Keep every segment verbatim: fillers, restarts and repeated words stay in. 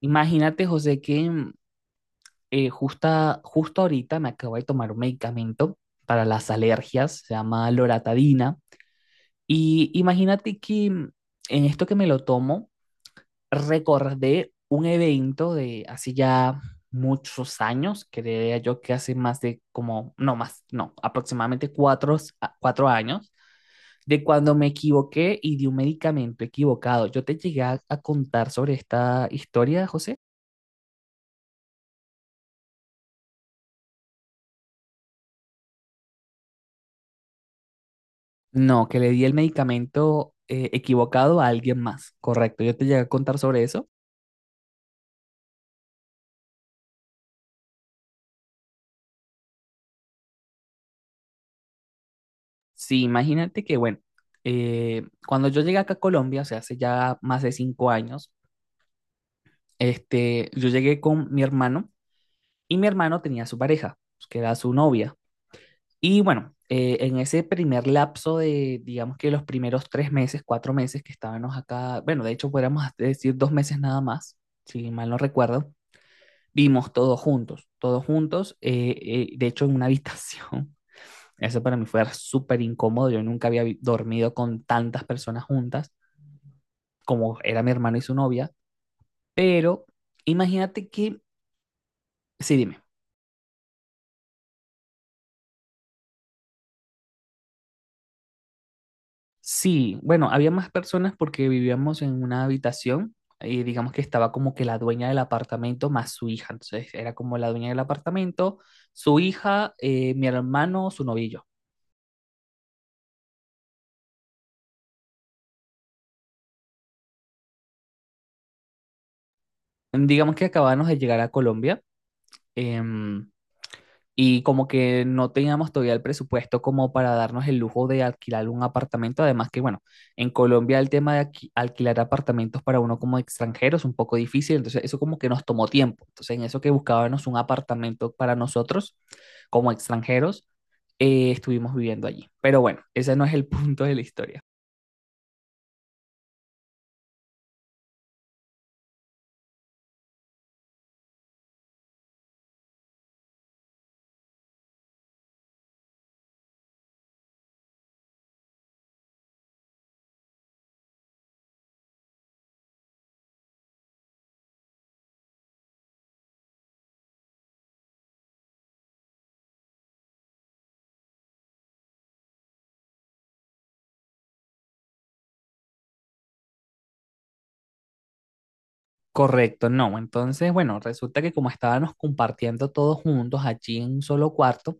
Imagínate, José, que mm, eh, justa, justo ahorita me acabo de tomar un medicamento para las alergias, se llama loratadina. Y imagínate que mm, en esto que me lo tomo, recordé un evento de hace ya muchos años, creía yo que hace más de como, no más, no, aproximadamente cuatro, s- a- cuatro años, de cuando me equivoqué y di un medicamento equivocado. ¿Yo te llegué a a contar sobre esta historia, José? No, que le di el medicamento eh, equivocado a alguien más, correcto. Yo te llegué a contar sobre eso. Sí, imagínate que, bueno, eh, cuando yo llegué acá a Colombia, o sea, hace ya más de cinco años, este, yo llegué con mi hermano y mi hermano tenía su pareja, pues, que era su novia. Y bueno, eh, en ese primer lapso de, digamos que los primeros tres meses, cuatro meses que estábamos acá, bueno, de hecho podríamos decir dos meses nada más, si mal no recuerdo, vimos todos juntos, todos juntos, eh, eh, de hecho en una habitación. Eso para mí fue súper incómodo. Yo nunca había dormido con tantas personas juntas como era mi hermano y su novia. Pero imagínate que, sí, dime. Sí, bueno, había más personas porque vivíamos en una habitación y digamos que estaba como que la dueña del apartamento más su hija. Entonces era como la dueña del apartamento, su hija, eh, mi hermano, su novillo. Digamos que acabábamos de llegar a Colombia. em, Y como que no teníamos todavía el presupuesto como para darnos el lujo de alquilar un apartamento. Además que, bueno, en Colombia el tema de aquí- alquilar apartamentos para uno como extranjero es un poco difícil. Entonces eso como que nos tomó tiempo. Entonces en eso que buscábamos un apartamento para nosotros como extranjeros, eh, estuvimos viviendo allí. Pero bueno, ese no es el punto de la historia. Correcto, no. Entonces, bueno, resulta que como estábamos compartiendo todos juntos allí en un solo cuarto,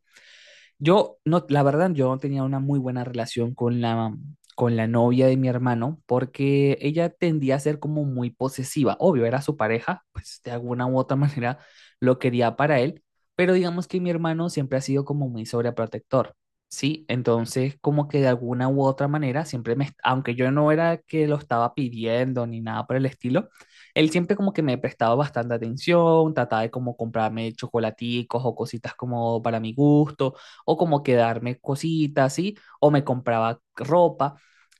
Yo, no, la verdad, yo no tenía una muy buena relación con la, con la novia de mi hermano porque ella tendía a ser como muy posesiva. Obvio, era su pareja, pues de alguna u otra manera lo quería para él, pero digamos que mi hermano siempre ha sido como muy sobreprotector, ¿sí? Entonces, como que de alguna u otra manera, siempre me, aunque yo no era que lo estaba pidiendo ni nada por el estilo, él siempre como que me prestaba bastante atención, trataba de como comprarme chocolaticos o cositas como para mi gusto o como que darme cositas, ¿sí? O me compraba ropa.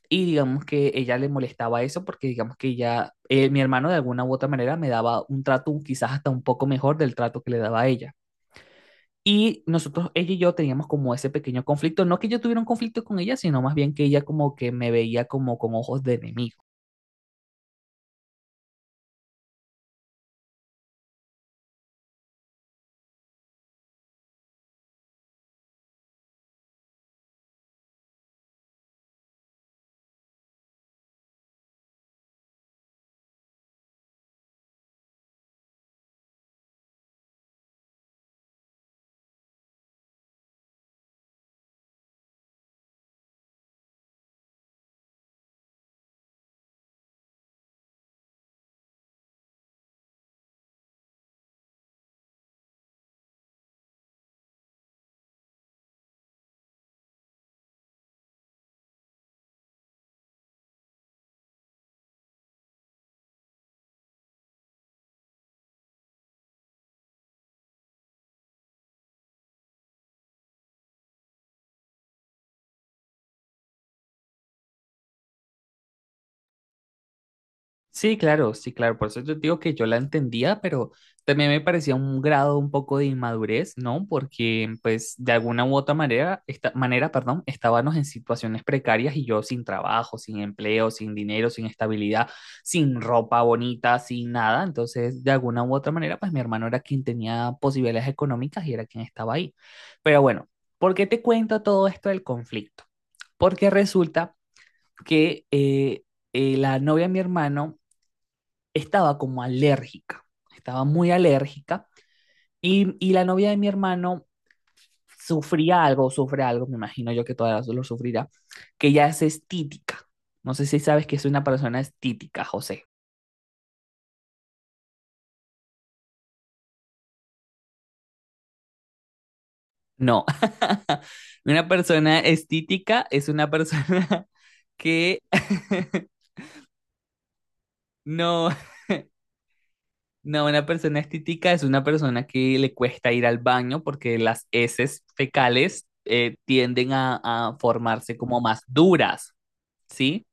Y digamos que ella le molestaba eso porque digamos que ella, eh, mi hermano de alguna u otra manera me daba un trato quizás hasta un poco mejor del trato que le daba a ella. Y nosotros, ella y yo teníamos como ese pequeño conflicto, no que yo tuviera un conflicto con ella, sino más bien que ella como que me veía como con ojos de enemigo. Sí, claro, sí, claro. Por eso yo digo que yo la entendía, pero también me parecía un grado un poco de inmadurez, ¿no? Porque, pues, de alguna u otra manera, esta, manera, perdón, estábamos en situaciones precarias y yo sin trabajo, sin empleo, sin dinero, sin estabilidad, sin ropa bonita, sin nada. Entonces, de alguna u otra manera, pues, mi hermano era quien tenía posibilidades económicas y era quien estaba ahí. Pero bueno, ¿por qué te cuento todo esto del conflicto? Porque resulta que eh, eh, la novia de mi hermano estaba como alérgica, estaba muy alérgica y, y la novia de mi hermano sufría algo, sufre algo, me imagino yo que todavía lo sufrirá, que ya es estítica. No sé si sabes que es una persona estítica, José. No, una persona estítica es una persona que no, no, una persona estítica es una persona que le cuesta ir al baño porque las heces fecales eh, tienden a, a formarse como más duras. Sí.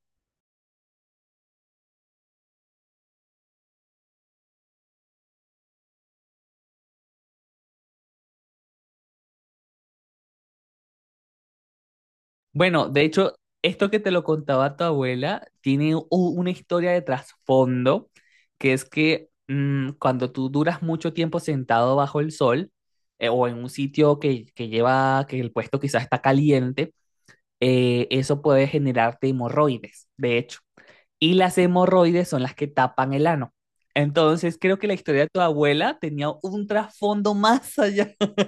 Bueno, de hecho, esto que te lo contaba tu abuela tiene u- una historia de trasfondo, que es que mm, cuando tú duras mucho tiempo sentado bajo el sol eh, o en un sitio que, que lleva, que el puesto quizás está caliente, eh, eso puede generarte hemorroides, de hecho. Y las hemorroides son las que tapan el ano. Entonces, creo que la historia de tu abuela tenía un trasfondo más allá.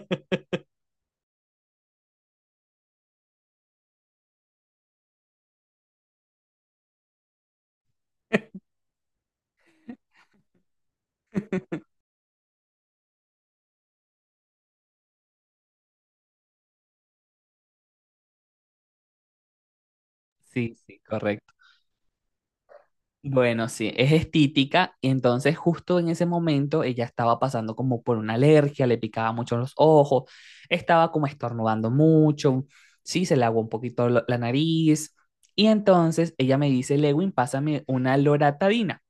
Sí, sí, correcto. Bueno, sí, es estítica y entonces justo en ese momento ella estaba pasando como por una alergia, le picaba mucho los ojos, estaba como estornudando mucho, sí, se le aguó un poquito lo- la nariz y entonces ella me dice: Lewin, pásame una loratadina.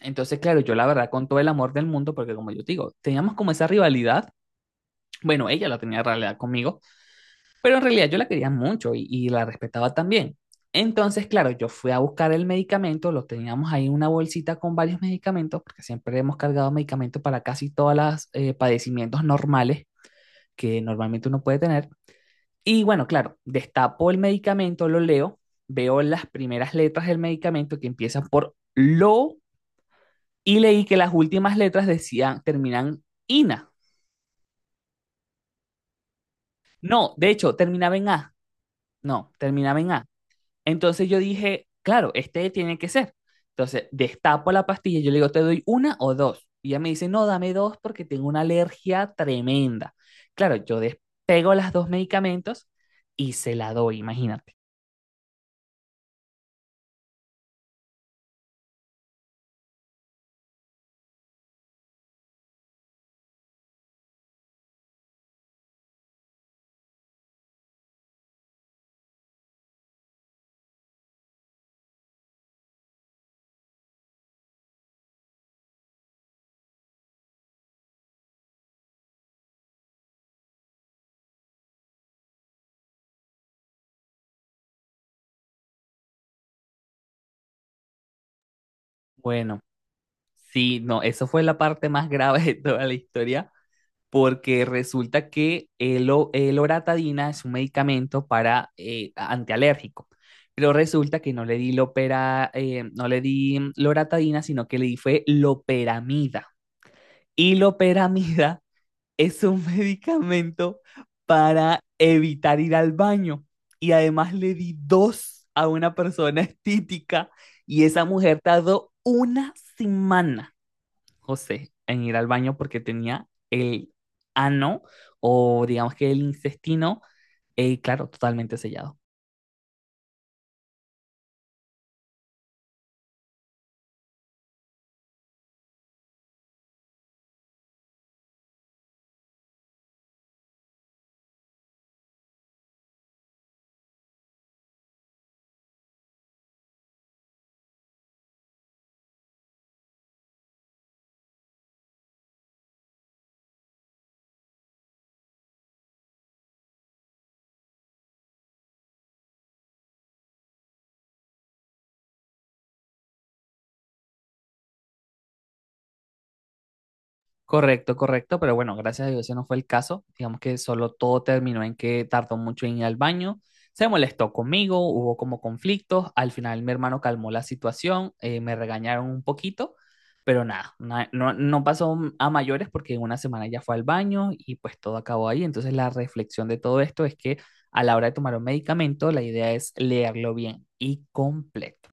Entonces, claro, yo la verdad con todo el amor del mundo, porque como yo te digo, teníamos como esa rivalidad, bueno, ella la tenía en realidad conmigo, pero en realidad yo la quería mucho y, y la respetaba también. Entonces, claro, yo fui a buscar el medicamento, lo teníamos ahí en una bolsita con varios medicamentos, porque siempre hemos cargado medicamentos para casi todos los padecimientos normales que normalmente uno puede tener. Y bueno, claro, destapo el medicamento, lo leo, veo las primeras letras del medicamento que empiezan por lo y leí que las últimas letras decían, terminan ina. No, de hecho, terminaba en a. No, terminaba en a. Entonces yo dije, claro, este tiene que ser. Entonces destapo la pastilla y yo le digo: ¿te doy una o dos? Y ella me dice: no, dame dos porque tengo una alergia tremenda. Claro, yo despego las dos medicamentos y se la doy, imagínate. Bueno, sí, no, eso fue la parte más grave de toda la historia porque resulta que el, o- el loratadina es un medicamento para eh, antialérgico, pero resulta que no le di lopera, eh, no le di mm, loratadina, sino que le di fue loperamida. Y loperamida es un medicamento para evitar ir al baño. Y además le di dos a una persona estética y esa mujer tardó una semana, José, en ir al baño porque tenía el ano, o digamos que el intestino, eh, claro, totalmente sellado. Correcto, correcto, pero bueno, gracias a Dios ese no fue el caso. Digamos que solo todo terminó en que tardó mucho en ir al baño. Se molestó conmigo, hubo como conflictos. Al final mi hermano calmó la situación, eh, me regañaron un poquito, pero nada, na- no, no pasó a mayores porque en una semana ya fue al baño y pues todo acabó ahí. Entonces la reflexión de todo esto es que a la hora de tomar un medicamento, la idea es leerlo bien y completo.